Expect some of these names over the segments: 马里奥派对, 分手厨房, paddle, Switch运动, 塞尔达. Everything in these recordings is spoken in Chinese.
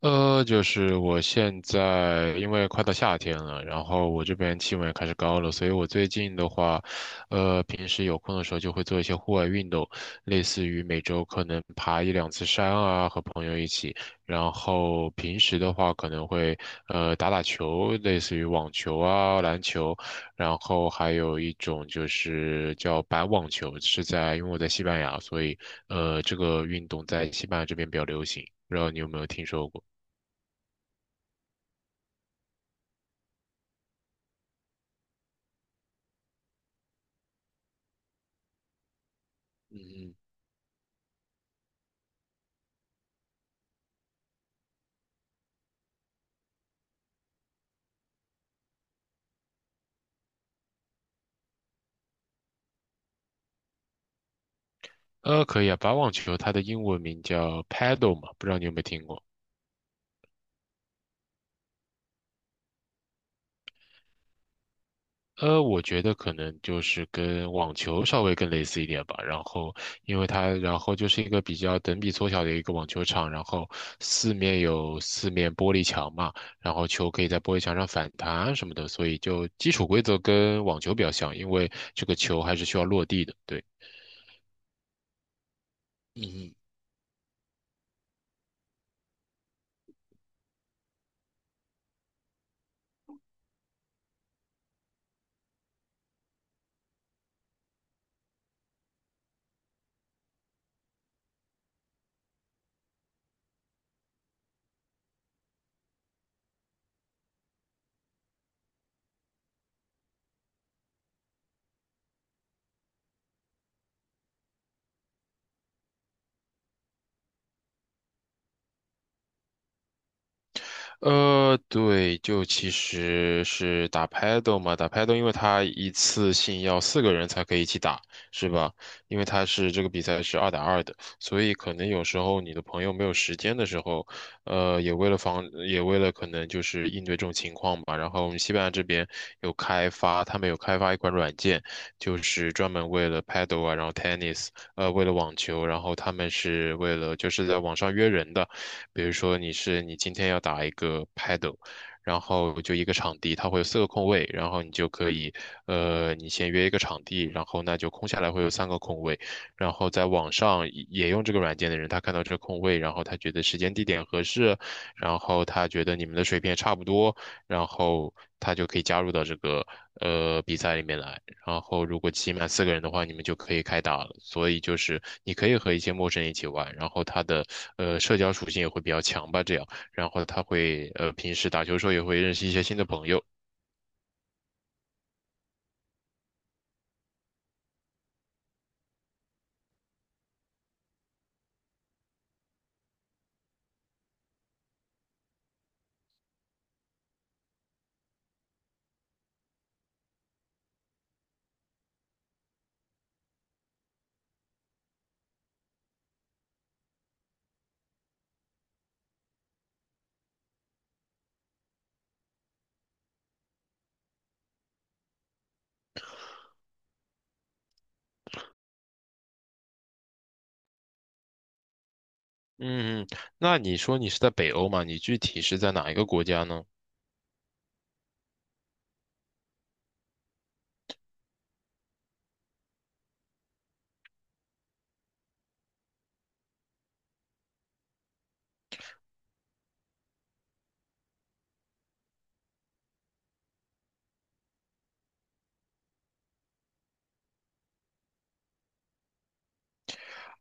就是我现在因为快到夏天了，然后我这边气温也开始高了，所以我最近的话，平时有空的时候就会做一些户外运动，类似于每周可能爬一两次山啊，和朋友一起，然后平时的话可能会打打球，类似于网球啊、篮球，然后还有一种就是叫板网球，是在因为我在西班牙，所以这个运动在西班牙这边比较流行，不知道你有没有听说过？嗯，可以啊，把网球它的英文名叫 paddle 嘛，不知道你有没有听过？我觉得可能就是跟网球稍微更类似一点吧。然后，因为它，然后就是一个比较等比缩小的一个网球场，然后四面有四面玻璃墙嘛，然后球可以在玻璃墙上反弹什么的，所以就基础规则跟网球比较像，因为这个球还是需要落地的。对，嗯对，就其实是打 paddle 嘛，打 paddle,因为它一次性要四个人才可以一起打，是吧？因为它是这个比赛是2打2的，所以可能有时候你的朋友没有时间的时候，也为了防，也为了可能就是应对这种情况吧。然后我们西班牙这边有开发，他们有开发一款软件，就是专门为了 paddle 啊，然后 tennis,为了网球，然后他们是为了就是在网上约人的。比如说你是你今天要打一个 paddle,然后就一个场地，它会有4个空位，然后你就可以，你先约一个场地，然后那就空下来会有3个空位，然后在网上也用这个软件的人，他看到这个空位，然后他觉得时间地点合适，然后他觉得你们的水平也差不多，然后他就可以加入到这个比赛里面来。然后如果起码四个人的话，你们就可以开打了。所以就是你可以和一些陌生人一起玩，然后他的社交属性也会比较强吧，这样，然后他会平时打球的时候也会认识一些新的朋友。嗯，那你说你是在北欧嘛？你具体是在哪一个国家呢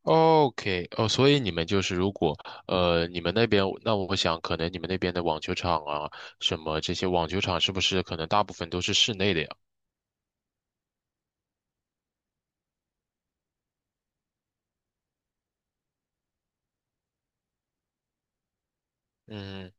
？OK,哦，所以你们就是如果你们那边，那我想可能你们那边的网球场啊，什么这些网球场是不是可能大部分都是室内的呀？嗯。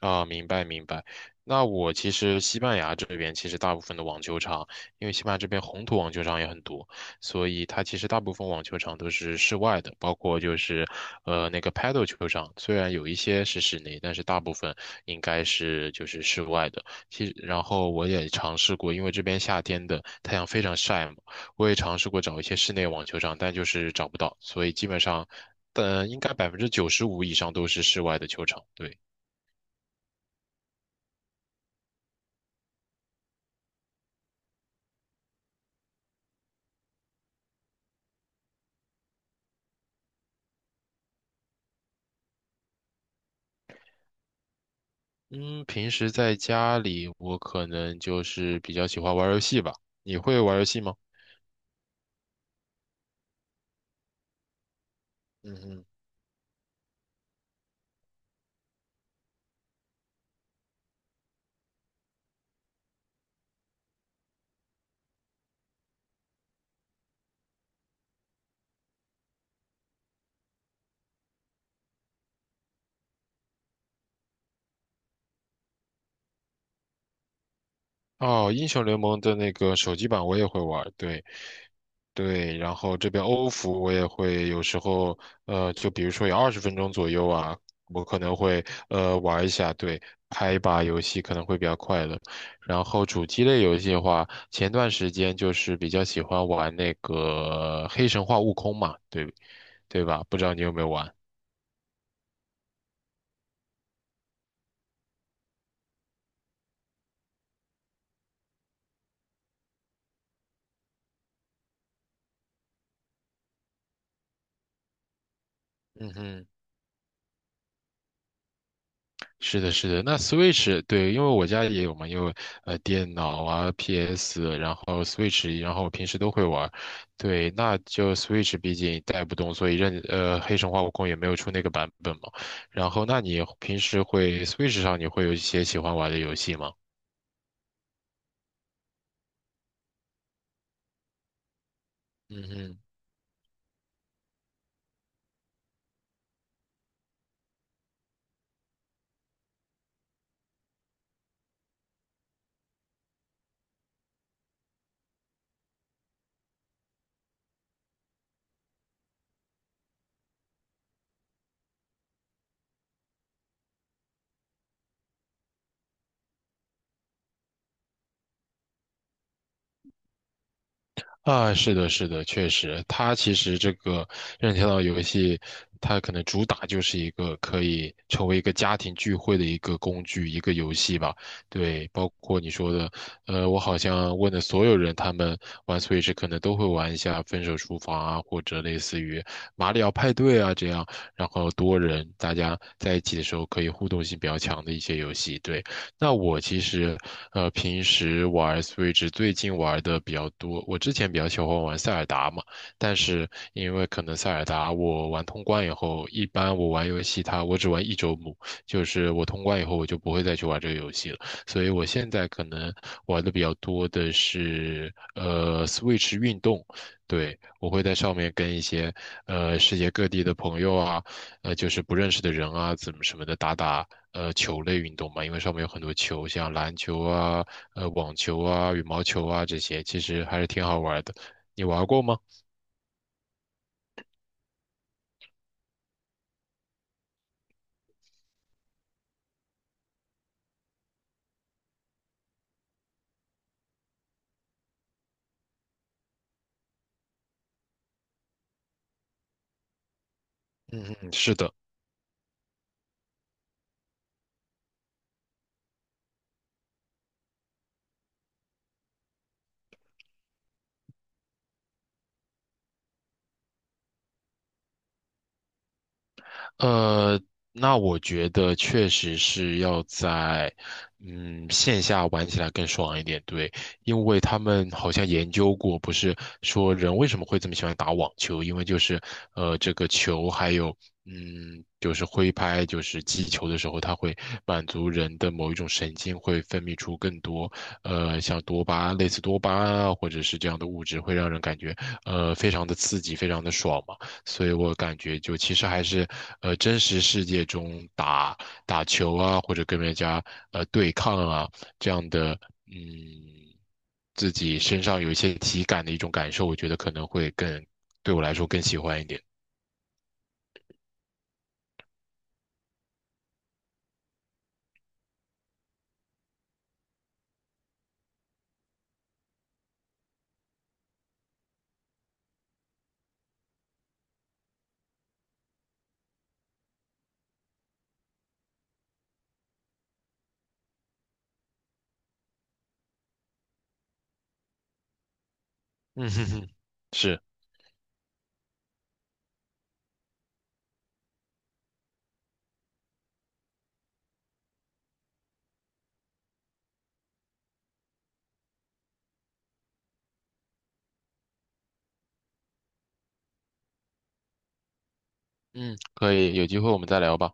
啊，明白明白。那我其实西班牙这边其实大部分的网球场，因为西班牙这边红土网球场也很多，所以它其实大部分网球场都是室外的，包括就是那个 paddle 球场，虽然有一些是室内，但是大部分应该是就是室外的。其实然后我也尝试过，因为这边夏天的太阳非常晒嘛，我也尝试过找一些室内网球场，但就是找不到，所以基本上，但应该95%以上都是室外的球场，对。嗯，平时在家里，我可能就是比较喜欢玩游戏吧。你会玩游戏吗？嗯哼。哦，英雄联盟的那个手机版我也会玩对对。然后这边欧服我也会，有时候就比如说有20分钟左右啊，我可能会玩一下，对，拍一把游戏可能会比较快乐。然后主机类游戏的话，前段时间就是比较喜欢玩那个《黑神话：悟空》嘛，对对吧？不知道你有没有玩？嗯哼。是的，是的，那 Switch 对，因为我家也有嘛，因为电脑啊、PS,然后 Switch,然后我平时都会玩儿对，那就 Switch 毕竟带不动，所以任黑神话悟空也没有出那个版本嘛。然后，那你平时会 Switch 上你会有一些喜欢玩的游戏吗？嗯哼。啊，是的，是的，确实，它其实这个任天堂游戏，它可能主打就是一个可以成为一个家庭聚会的一个工具，一个游戏吧。对，包括你说的，我好像问的所有人，他们玩 Switch 可能都会玩一下《分手厨房》啊，或者类似于《马里奥派对》啊这样，然后多人大家在一起的时候可以互动性比较强的一些游戏。对，那我其实平时玩 Switch 最近玩的比较多，我之前比较喜欢玩塞尔达嘛，但是因为可能塞尔达我玩通关以后，一般我玩游戏它我只玩一周目，就是我通关以后我就不会再去玩这个游戏了，所以我现在可能玩的比较多的是Switch 运动。对，我会在上面跟一些世界各地的朋友啊，就是不认识的人啊，怎么什么的打打球类运动嘛，因为上面有很多球，像篮球啊、网球啊、羽毛球啊这些，其实还是挺好玩的。你玩过吗？嗯嗯，是的。呃，那我觉得确实是要在，嗯，线下玩起来更爽一点，对，因为他们好像研究过，不是说人为什么会这么喜欢打网球，因为就是，这个球还有，嗯，就是挥拍，就是击球的时候，它会满足人的某一种神经，会分泌出更多，像多巴，类似多巴胺啊，或者是这样的物质，会让人感觉，非常的刺激，非常的爽嘛。所以我感觉就其实还是，真实世界中打打球啊，或者跟人家对抗啊这样的，嗯，自己身上有一些体感的一种感受，我觉得可能会更，对我来说更喜欢一点。嗯哼哼，是，嗯，可以，有机会我们再聊吧。